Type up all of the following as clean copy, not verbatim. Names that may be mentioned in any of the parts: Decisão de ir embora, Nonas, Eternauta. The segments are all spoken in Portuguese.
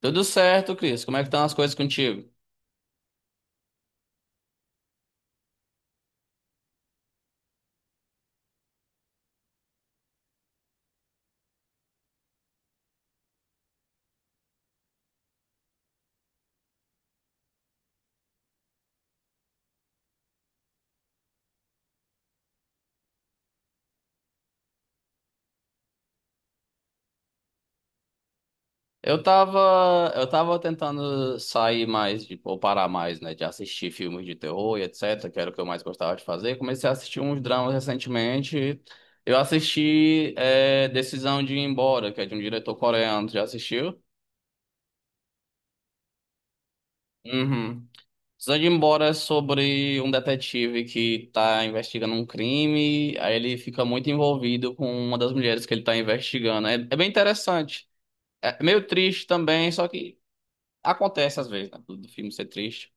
Tudo certo, Cris. Como é que estão as coisas contigo? Eu tava tentando sair mais, ou parar mais, né, de assistir filmes de terror e etc, que era o que eu mais gostava de fazer. Comecei a assistir uns dramas recentemente. Eu assisti é, Decisão de ir embora, que é de um diretor coreano. Já assistiu? Uhum. Decisão de ir embora é sobre um detetive que tá investigando um crime, aí ele fica muito envolvido com uma das mulheres que ele tá investigando. É, é bem interessante. É meio triste também, só que acontece às vezes, né, do filme ser triste.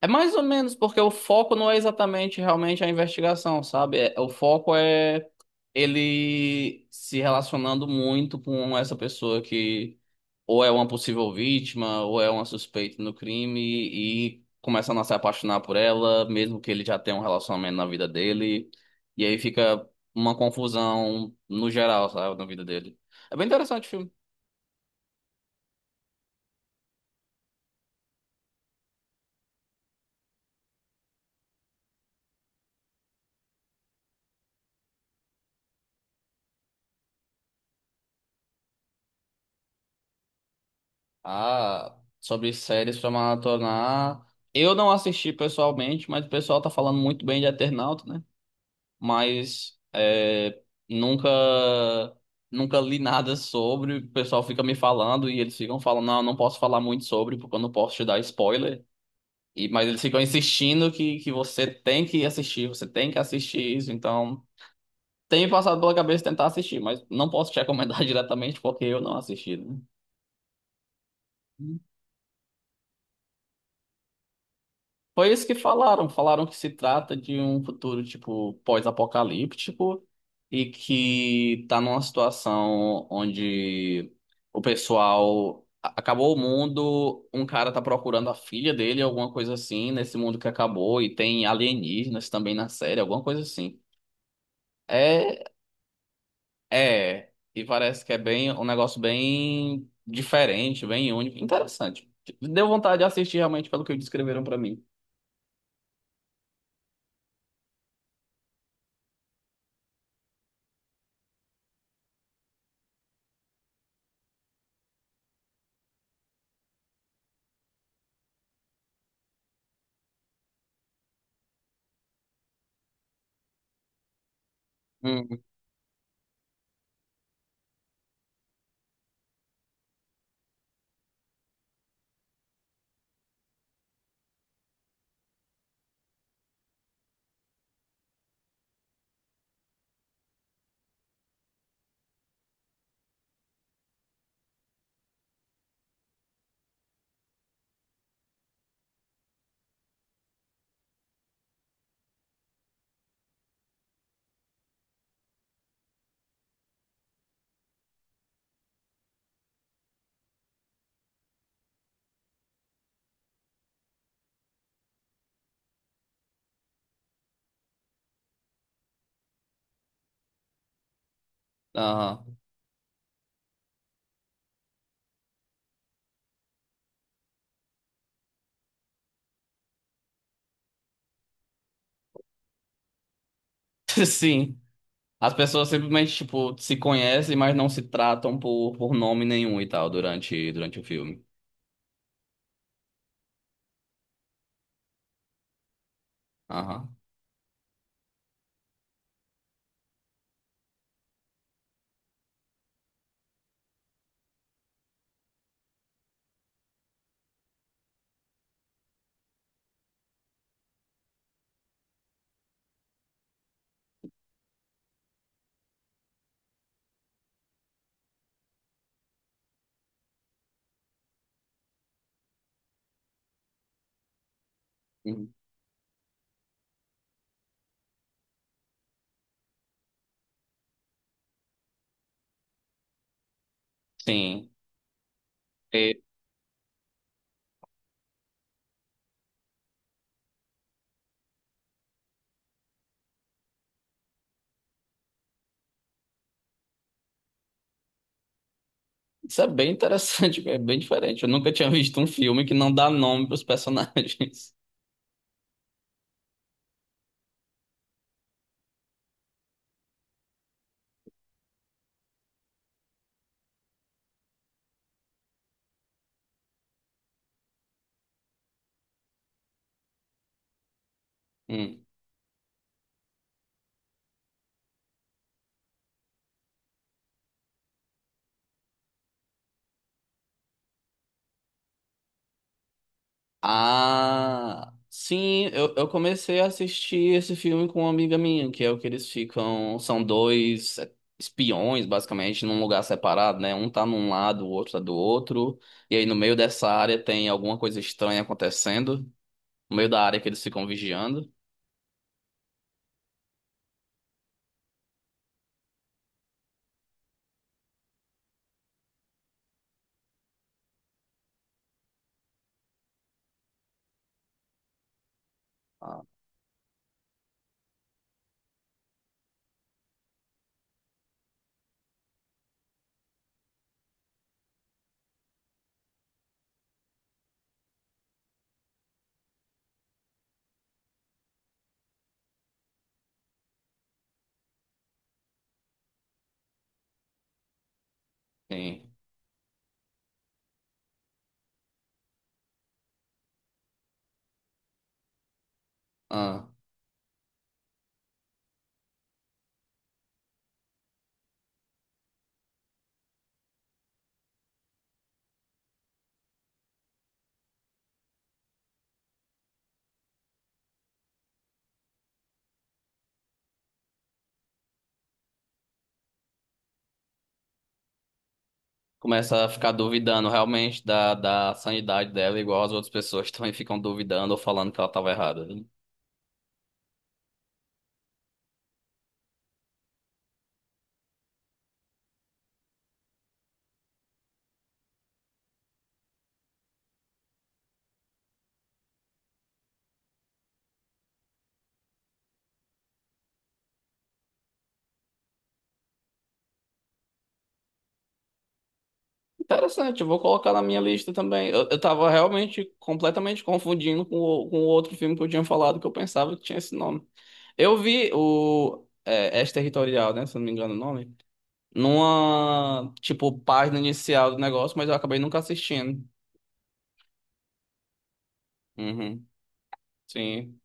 É mais ou menos porque o foco não é exatamente realmente a investigação, sabe? O foco é ele se relacionando muito com essa pessoa que ou é uma possível vítima, ou é uma suspeita no crime e começando a se apaixonar por ela, mesmo que ele já tenha um relacionamento na vida dele. E aí fica uma confusão no geral, sabe? Na vida dele. É bem interessante o filme. Ah, sobre séries pra maratonar. Eu não assisti pessoalmente, mas o pessoal tá falando muito bem de Eternauta, né? Mas é, nunca nunca li nada sobre. O pessoal fica me falando e eles ficam falando, não, eu não posso falar muito sobre porque eu não posso te dar spoiler. E, mas eles ficam insistindo que você tem que assistir, você tem que assistir isso. Então, tem me passado pela cabeça tentar assistir, mas não posso te recomendar diretamente porque eu não assisti, né? Foi isso que falaram. Falaram que se trata de um futuro, tipo, pós-apocalíptico e que tá numa situação onde o pessoal acabou o mundo, um cara tá procurando a filha dele, alguma coisa assim, nesse mundo que acabou, e tem alienígenas também na série, alguma coisa assim. É, e parece que é bem um negócio bem diferente, bem único, interessante. Deu vontade de assistir realmente pelo que descreveram pra mim. Hum. Aham. Sim. As pessoas simplesmente, tipo, se conhecem, mas não se tratam por nome nenhum e tal durante, durante o filme. Aham. Uhum. Sim. E isso é bem interessante, é bem diferente. Eu nunca tinha visto um filme que não dá nome pros personagens. Hum. Ah, sim, eu comecei a assistir esse filme com uma amiga minha, que é o que eles ficam. São dois é, espiões, basicamente, num lugar separado, né? Um tá num lado, o outro tá do outro. E aí no meio dessa área tem alguma coisa estranha acontecendo. No meio da área que eles ficam vigiando. Ah, sim. Ah, começa a ficar duvidando realmente da, da sanidade dela, igual as outras pessoas também ficam duvidando ou falando que ela tava errada. Né? Interessante, eu vou colocar na minha lista também. Eu tava realmente completamente confundindo com o outro filme que eu tinha falado, que eu pensava que tinha esse nome. Eu vi o é, territorial né? Se eu não me engano o nome. Numa, tipo, página inicial do negócio, mas eu acabei nunca assistindo. Uhum, sim.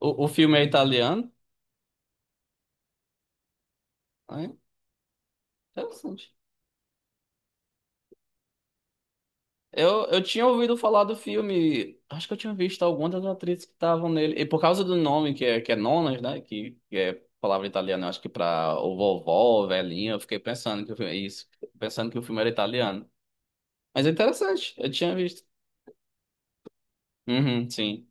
O filme é italiano, né? Interessante. Eu tinha ouvido falar do filme, acho que eu tinha visto algumas das atrizes que estavam nele. E por causa do nome, que é Nonas, né? Que é palavra italiana, eu acho que pra o vovó, velhinha, eu fiquei pensando que o filme, isso, pensando que o filme era italiano. Mas é interessante, eu tinha visto. Uhum, sim,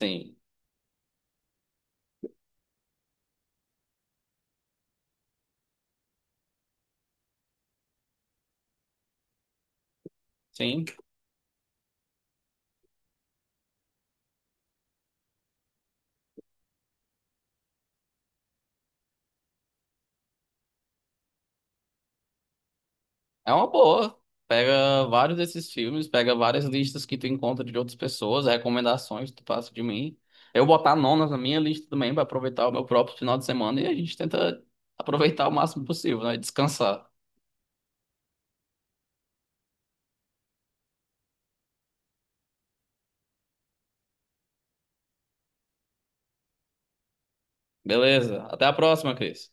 sim, sim. É uma boa. Pega vários desses filmes, pega várias listas que tu encontra de outras pessoas, recomendações que tu passa de mim. Eu botar nonas na minha lista também pra aproveitar o meu próprio final de semana e a gente tenta aproveitar o máximo possível, né? Descansar. Beleza. Até a próxima, Cris.